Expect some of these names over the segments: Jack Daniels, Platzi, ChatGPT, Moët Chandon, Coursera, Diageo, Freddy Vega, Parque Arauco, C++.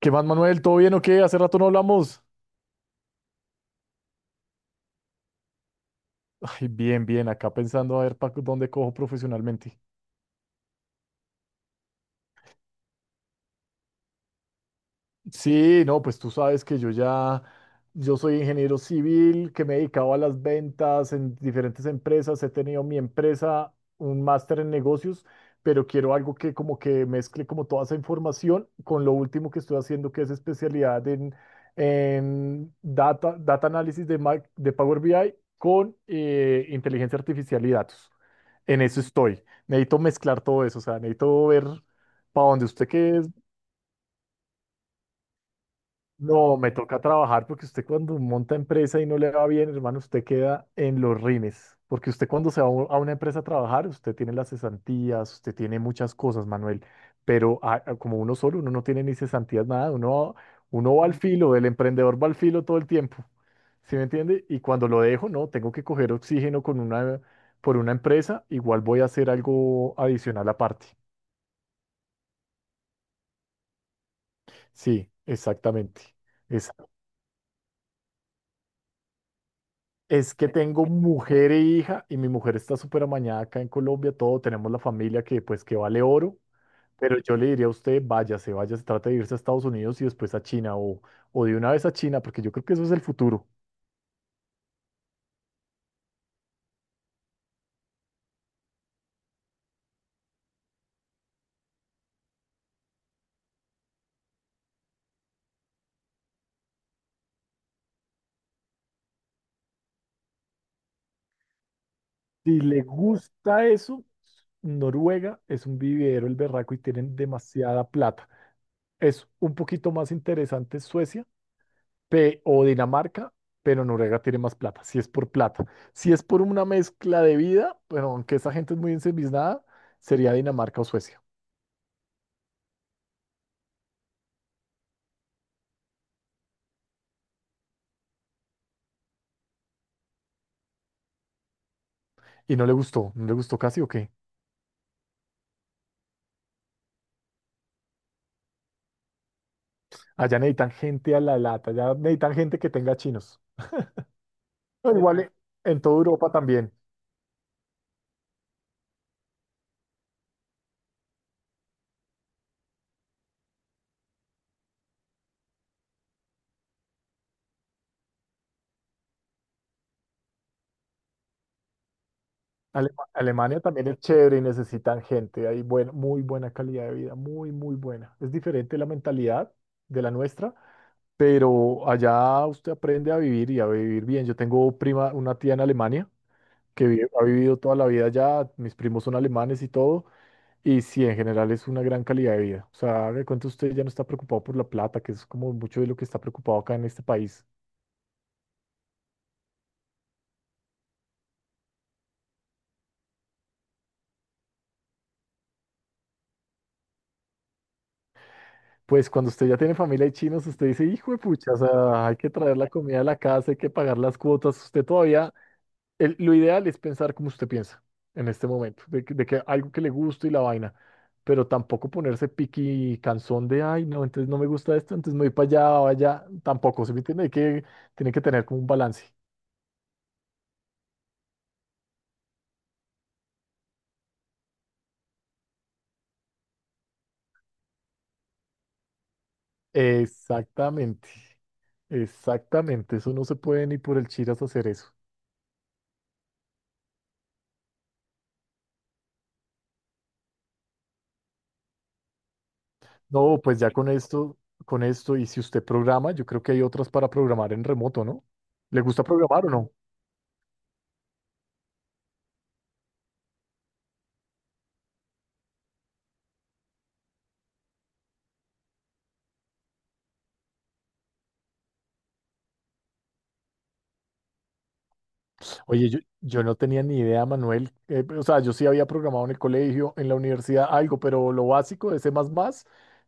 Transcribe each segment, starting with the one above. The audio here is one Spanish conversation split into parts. ¿Qué más, Manuel? ¿Todo bien o qué? Hace rato no hablamos. Ay, bien, bien, acá pensando a ver para dónde cojo profesionalmente. Sí, no, pues tú sabes que yo soy ingeniero civil, que me he dedicado a las ventas en diferentes empresas, he tenido mi empresa, un máster en negocios, pero quiero algo que como que mezcle como toda esa información con lo último que estoy haciendo, que es especialidad en data análisis de Power BI con inteligencia artificial y datos. En eso estoy. Necesito mezclar todo eso, o sea, necesito ver para donde usted que es. No, me toca trabajar porque usted cuando monta empresa y no le va bien, hermano, usted queda en los rines. Porque usted cuando se va a a una empresa a trabajar, usted tiene las cesantías, usted tiene muchas cosas, Manuel. Pero como uno solo, uno no tiene ni cesantías, nada. Uno va al filo, el emprendedor va al filo todo el tiempo. ¿Sí me entiende? Y cuando lo dejo, no, tengo que coger oxígeno por una empresa, igual voy a hacer algo adicional aparte. Sí, exactamente. Es, es que tengo mujer e hija y mi mujer está súper amañada acá en Colombia, todo, tenemos la familia que pues que vale oro, pero yo le diría a usted, váyase, váyase, trate de irse a Estados Unidos y después a China o de una vez a China, porque yo creo que eso es el futuro. Si le gusta eso, Noruega es un vividero el berraco y tienen demasiada plata. Es un poquito más interesante Suecia o Dinamarca, pero Noruega tiene más plata, si es por plata. Si es por una mezcla de vida, bueno, aunque esa gente es muy ensimismada, sería Dinamarca o Suecia. Y no le gustó, no le gustó casi o qué. Allá necesitan gente a la lata, allá necesitan gente que tenga chinos. Pero igual en toda Europa también. Alemania también es chévere y necesitan gente. Hay muy buena calidad de vida, muy, muy buena. Es diferente la mentalidad de la nuestra, pero allá usted aprende a vivir y a vivir bien. Yo tengo prima, una tía en Alemania que ha vivido toda la vida allá, mis primos son alemanes y todo, y sí, en general es una gran calidad de vida. O sea, haga de cuenta usted ya no está preocupado por la plata, que es como mucho de lo que está preocupado acá en este país. Pues cuando usted ya tiene familia y chinos, usted dice, hijo de pucha, o sea, hay que traer la comida a la casa, hay que pagar las cuotas, usted todavía lo ideal es pensar como usted piensa en este momento, de que algo que le guste y la vaina, pero tampoco ponerse piqui cansón de, ay, no, entonces no me gusta esto, entonces me voy para allá o allá, tampoco, ¿se me entiende? Hay que, tiene que tener como un balance. Exactamente, exactamente, eso no se puede ni por el chiras hacer eso. No, pues ya con esto, y si usted programa, yo creo que hay otras para programar en remoto, ¿no? ¿Le gusta programar o no? Oye, yo no tenía ni idea, Manuel. O sea, yo sí había programado en el colegio, en la universidad, algo, pero lo básico de C++,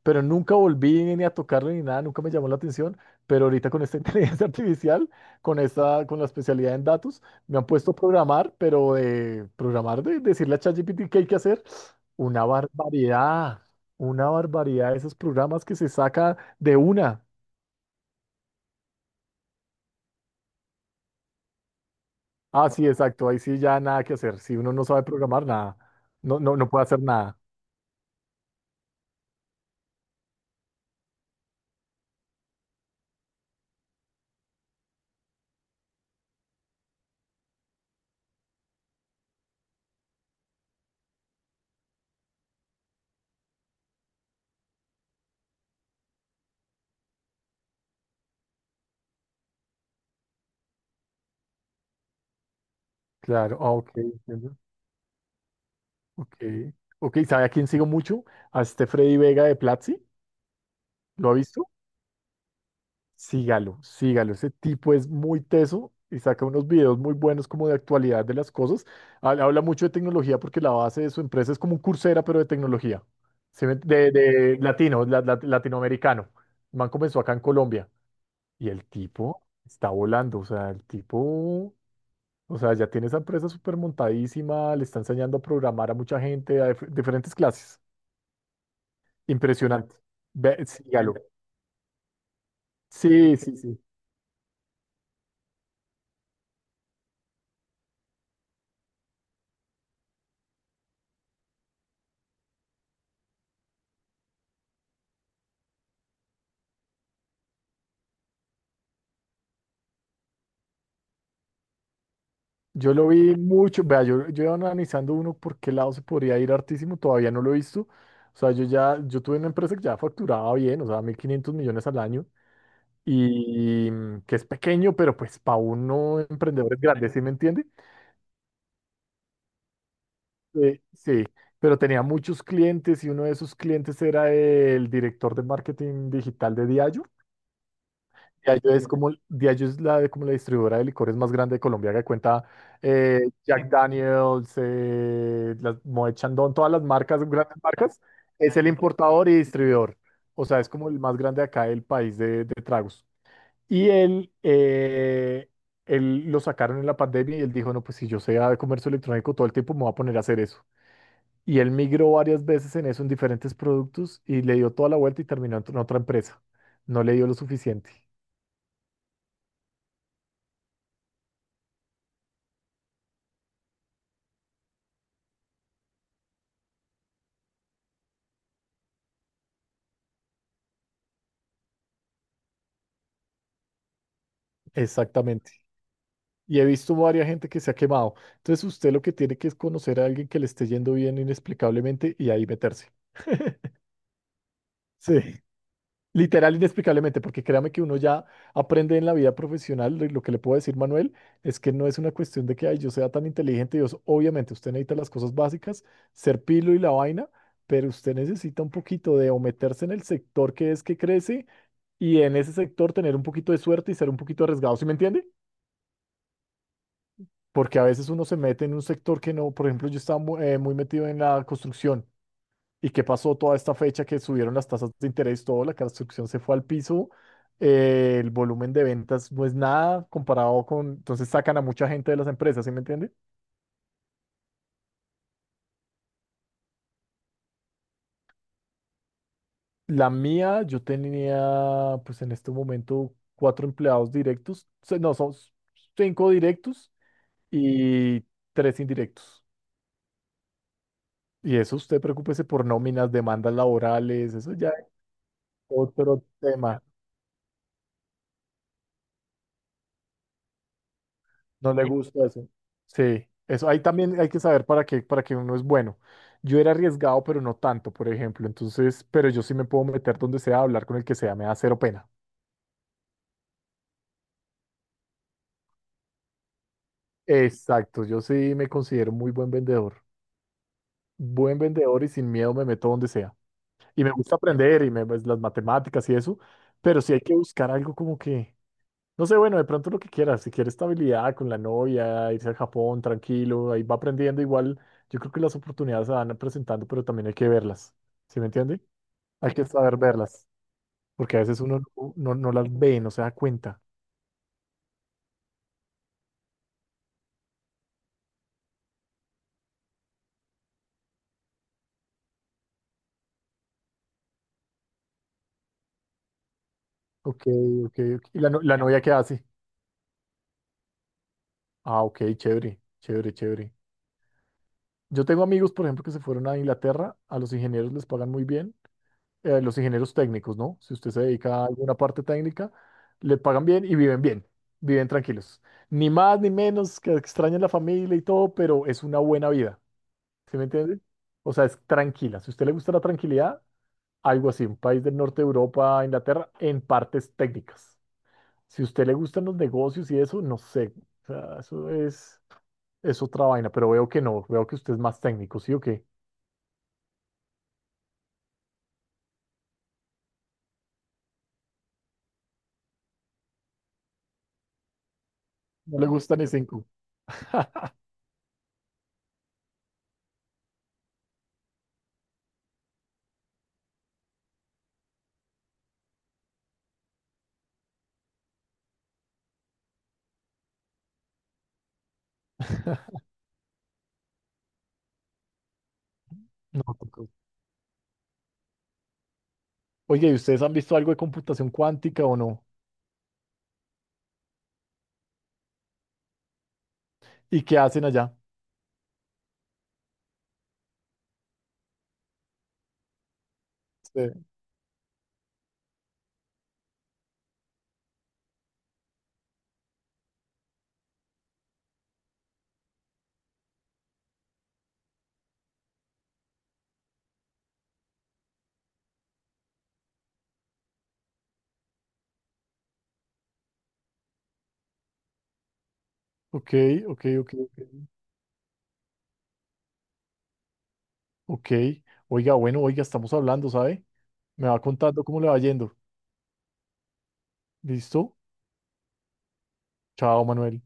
pero nunca volví ni a tocarlo ni nada, nunca me llamó la atención. Pero ahorita con esta inteligencia artificial, con esta, con la especialidad en datos, me han puesto a programar, pero de programar, de decirle a ChatGPT qué hay que hacer, una barbaridad, una barbaridad de esos programas que se saca de una. Ah, sí, exacto, ahí sí ya nada que hacer. Si uno no sabe programar, nada, no puede hacer nada. Claro, ah, ok, entiendo. Ok, ok, ¿sabe a quién sigo mucho? A este Freddy Vega de Platzi, ¿lo ha visto? Sígalo, sígalo, ese tipo es muy teso y saca unos videos muy buenos como de actualidad de las cosas. Habla mucho de tecnología porque la base de su empresa es como un Coursera, pero de tecnología, ¿sí me- de latino, latinoamericano. El man comenzó acá en Colombia y el tipo está volando, o sea, el tipo... O sea, ya tiene esa empresa súper montadísima, le está enseñando a programar a mucha gente, a diferentes clases. Impresionante. Ve, sígalo. Sí, sí, sí. Yo lo vi mucho. Vea, yo iba analizando uno por qué lado se podría ir hartísimo, todavía no lo he visto. O sea, yo tuve una empresa que ya facturaba bien, o sea, 1.500 millones al año, y mm, que es pequeño, pero pues para uno emprendedor es grande, ¿sí me entiende? Sí, sí, pero tenía muchos clientes y uno de esos clientes era el director de marketing digital de Diageo. Diageo es como, Diageo es la, como la distribuidora de licores más grande de Colombia que cuenta Jack Daniels, las Moët Chandon, todas las marcas, grandes marcas. Es el importador y distribuidor. O sea, es como el más grande acá del país de tragos. Y él, él lo sacaron en la pandemia y él dijo, no, pues si yo sé de comercio electrónico todo el tiempo me voy a poner a hacer eso. Y él migró varias veces en eso, en diferentes productos, y le dio toda la vuelta y terminó en otra empresa. No le dio lo suficiente. Exactamente. Y he visto varias gente que se ha quemado. Entonces usted lo que tiene que es conocer a alguien que le esté yendo bien inexplicablemente y ahí meterse. Sí. Literal, inexplicablemente, porque créame que uno ya aprende en la vida profesional, lo que le puedo decir, Manuel, es que no es una cuestión de que ay, yo sea tan inteligente, Dios, obviamente usted necesita las cosas básicas, ser pilo y la vaina, pero usted necesita un poquito de o meterse en el sector que es que crece y en ese sector tener un poquito de suerte y ser un poquito arriesgado, ¿sí me entiende? Porque a veces uno se mete en un sector que no, por ejemplo, yo estaba muy metido en la construcción. ¿Y qué pasó toda esta fecha que subieron las tasas de interés, todo, la construcción se fue al piso, el volumen de ventas no es nada comparado con, entonces sacan a mucha gente de las empresas, ¿sí me entiende? La mía, yo tenía, pues en este momento, cuatro empleados directos, se- no, son cinco directos y tres indirectos. Y eso, usted preocúpese por nóminas, demandas laborales, eso ya es otro tema. No le gusta eso. Sí, eso ahí también hay que saber para qué uno es bueno. Yo era arriesgado, pero no tanto, por ejemplo. Entonces, pero yo sí me puedo meter donde sea, hablar con el que sea, me da cero pena. Exacto, yo sí me considero muy buen vendedor. Buen vendedor y sin miedo me meto donde sea. Y me gusta aprender y me, pues, las matemáticas y eso, pero sí hay que buscar algo como que no sé, bueno, de pronto lo que quieras, si quiere estabilidad con la novia, irse a Japón tranquilo, ahí va aprendiendo igual. Yo creo que las oportunidades se van presentando, pero también hay que verlas, ¿sí me entiende? Hay que saber verlas, porque a veces uno no, no las ve, no se da cuenta. Ok, ok, ok. ¿Y la, no- la novia qué hace? Ah, ok, chévere, chévere, chévere. Yo tengo amigos, por ejemplo, que se fueron a Inglaterra, a los ingenieros les pagan muy bien los ingenieros técnicos, ¿no? Si usted se dedica a alguna parte técnica, le pagan bien y viven bien, viven tranquilos. Ni más ni menos, que extrañen la familia y todo, pero es una buena vida, ¿sí me entiende? O sea, es tranquila. Si a usted le gusta la tranquilidad, algo así, un país del norte de Europa, Inglaterra, en partes técnicas. Si a usted le gustan los negocios y eso, no sé. O sea, es otra vaina, pero veo que no, veo que usted es más técnico, ¿sí o qué? No le gustan ni cinco. No. Oye, ¿y ustedes han visto algo de computación cuántica o no? ¿Y qué hacen allá? Sí. Ok, ok, ok, ok. Ok. Oiga, bueno, oiga, estamos hablando, ¿sabe? Me va contando cómo le va yendo. ¿Listo? Chao, Manuel.